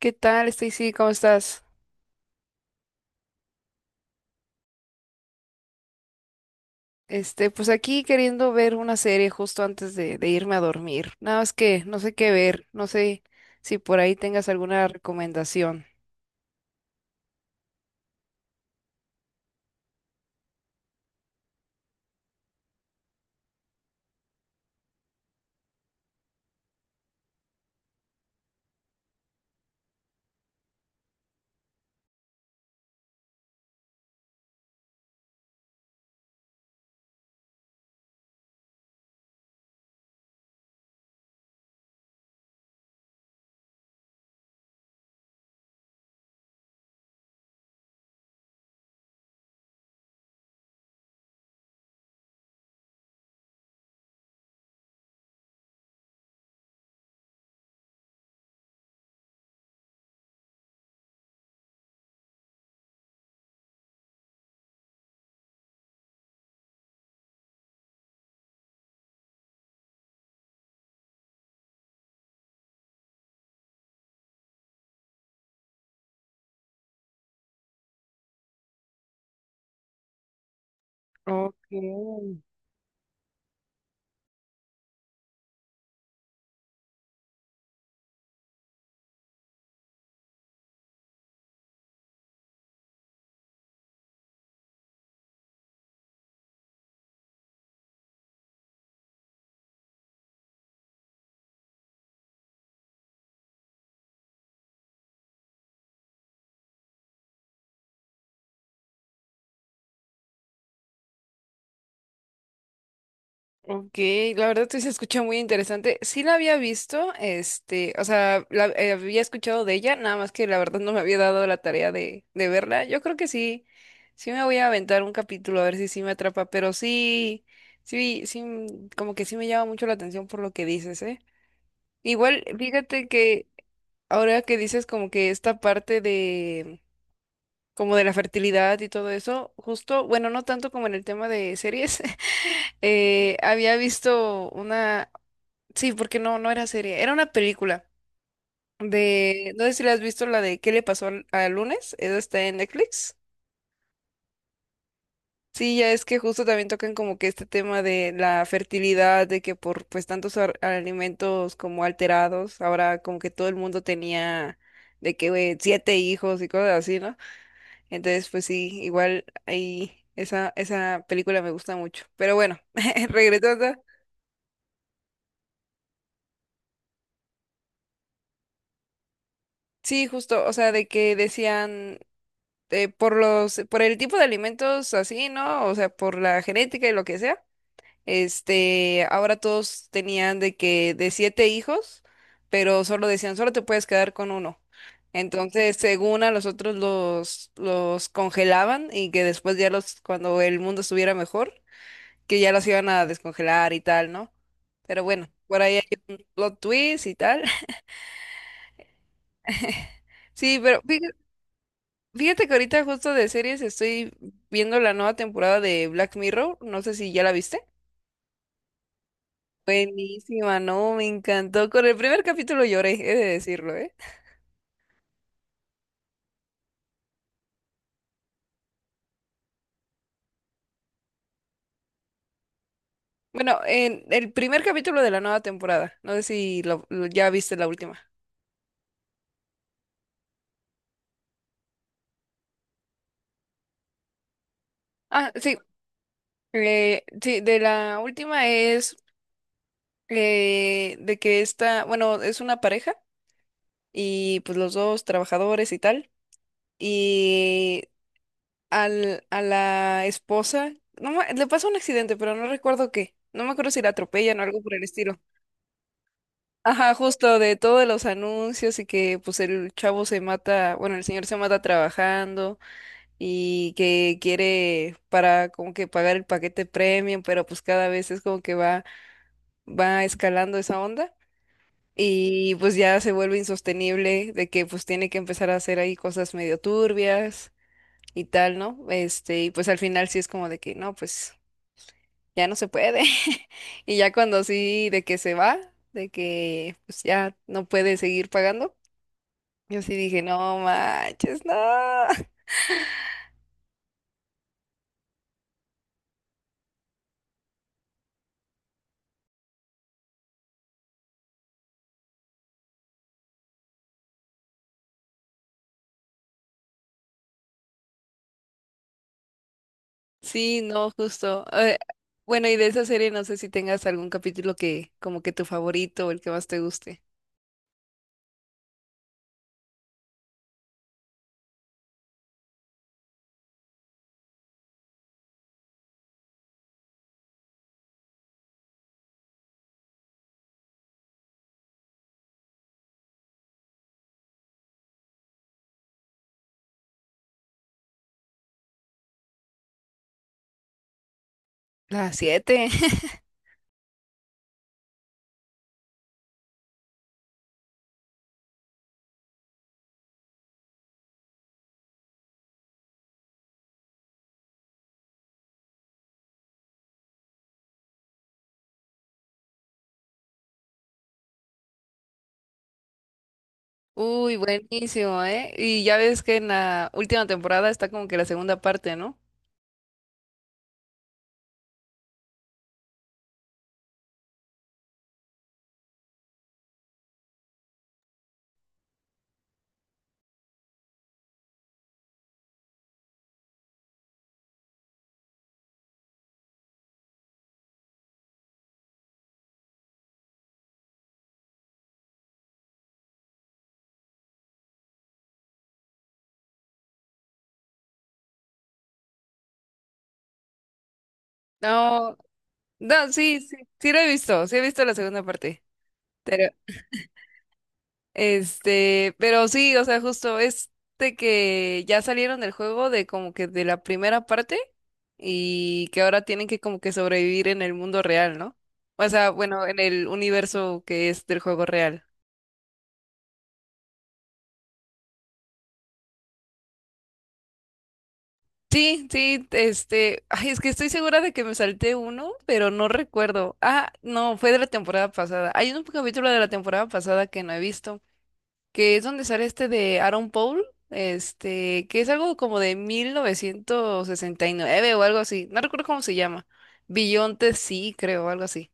¿Qué tal, Stacy? ¿Cómo estás? Este, pues aquí queriendo ver una serie justo antes de irme a dormir. Nada más que no sé qué ver, no sé si por ahí tengas alguna recomendación. Okay, ok, la verdad sí se escucha muy interesante. Sí la había visto, este, o sea, la, había escuchado de ella, nada más que la verdad no me había dado la tarea de verla. Yo creo que sí, sí me voy a aventar un capítulo a ver si sí me atrapa, pero sí, sí, sí, como que sí me llama mucho la atención por lo que dices, ¿eh? Igual, fíjate que ahora que dices como que esta parte de como de la fertilidad y todo eso, justo, bueno, no tanto como en el tema de series, había visto una, sí, porque no era serie, era una película de, no sé si la has visto, la de ¿Qué le pasó al, al lunes? Esa está en Netflix. Sí, ya es que justo también tocan como que este tema de la fertilidad, de que por pues tantos alimentos como alterados, ahora como que todo el mundo tenía de que güey, siete hijos y cosas así, ¿no? Entonces, pues sí, igual ahí esa, esa película me gusta mucho. Pero bueno, regresando. Sí, justo, o sea, de que decían por los, por el tipo de alimentos así, ¿no? O sea, por la genética y lo que sea. Este, ahora todos tenían de que de siete hijos, pero solo decían, solo te puedes quedar con uno. Entonces, según a los otros los congelaban y que después ya los, cuando el mundo estuviera mejor, que ya los iban a descongelar y tal, ¿no? Pero bueno, por ahí hay un plot twist y tal. Sí, pero fíjate, fíjate que ahorita justo de series estoy viendo la nueva temporada de Black Mirror, no sé si ya la viste. Buenísima, no, me encantó. Con el primer capítulo lloré, he de decirlo, ¿eh? Bueno, en el primer capítulo de la nueva temporada, no sé si ya viste la última. Ah, sí, sí, de la última es de que esta, bueno, es una pareja y pues los dos trabajadores y tal, y al, a la esposa, no, le pasa un accidente, pero no recuerdo qué, no me acuerdo si la atropellan o algo por el estilo. Ajá, justo de todos los anuncios y que pues el chavo se mata, bueno, el señor se mata trabajando y que quiere para como que pagar el paquete premium, pero pues cada vez es como que va, va escalando esa onda y pues ya se vuelve insostenible de que pues tiene que empezar a hacer ahí cosas medio turbias y tal, ¿no? Este, y pues al final sí es como de que no, pues ya no se puede. Y ya cuando sí de que se va, de que pues ya no puede seguir pagando. Yo sí dije, no manches, no. Sí, no, justo. Bueno, y de esa serie no sé si tengas algún capítulo que como que tu favorito o el que más te guste. La siete. Uy, buenísimo, ¿eh? Y ya ves que en la última temporada está como que la segunda parte, ¿no? No, no, sí, sí, sí lo he visto, sí he visto la segunda parte. Este, pero sí, o sea, justo es de que ya salieron del juego de como que de la primera parte y que ahora tienen que como que sobrevivir en el mundo real, ¿no? O sea, bueno, en el universo que es del juego real. Sí, sí, este, ay, es que estoy segura de que me salté uno, pero no recuerdo. Ah, no, fue de la temporada pasada. Hay un capítulo de la temporada pasada que no he visto, que es donde sale este de Aaron Paul, este, que es algo como de 1969 o algo así, no recuerdo cómo se llama. Billonte sí, creo, algo así.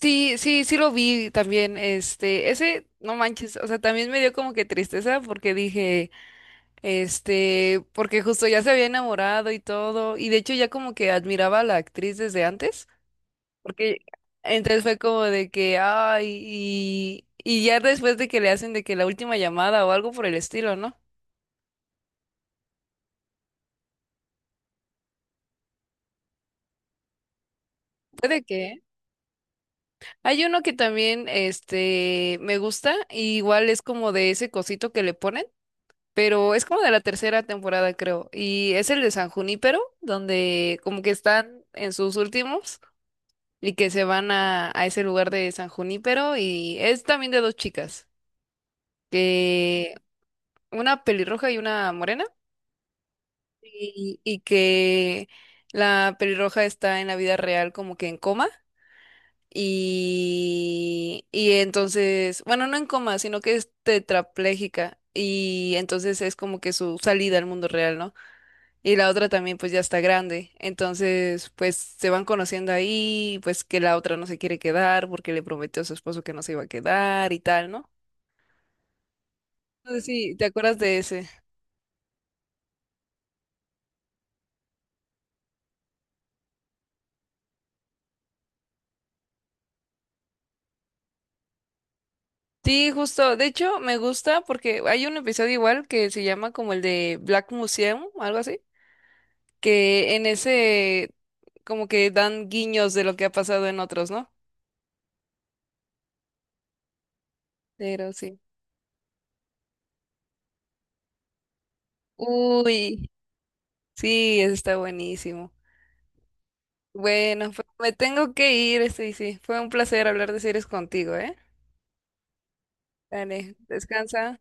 Sí, sí, sí lo vi también, este, ese, no manches, o sea, también me dio como que tristeza porque dije, este, porque justo ya se había enamorado y todo, y de hecho ya como que admiraba a la actriz desde antes. Porque entonces fue como de que, ay, y ya después de que le hacen de que la última llamada o algo por el estilo, ¿no? Puede que. ¿Eh? Hay uno que también, este, me gusta, y igual es como de ese cosito que le ponen, pero es como de la tercera temporada, creo, y es el de San Junípero, donde como que están en sus últimos y que se van a ese lugar de San Junípero, y es también de dos chicas, que una pelirroja y una morena. Y que la pelirroja está en la vida real como que en coma y entonces, bueno, no en coma, sino que es tetrapléjica y entonces es como que su salida al mundo real, ¿no? Y la otra también pues ya está grande, entonces pues se van conociendo ahí, pues que la otra no se quiere quedar porque le prometió a su esposo que no se iba a quedar y tal, ¿no? No sé si te acuerdas de ese. Sí, justo. De hecho, me gusta porque hay un episodio igual que se llama como el de Black Museum, algo así, que en ese como que dan guiños de lo que ha pasado en otros, ¿no? Pero sí. Uy, sí, eso está buenísimo. Bueno, pues me tengo que ir, sí, sí. Fue un placer hablar de series contigo, ¿eh? Dale, descansa.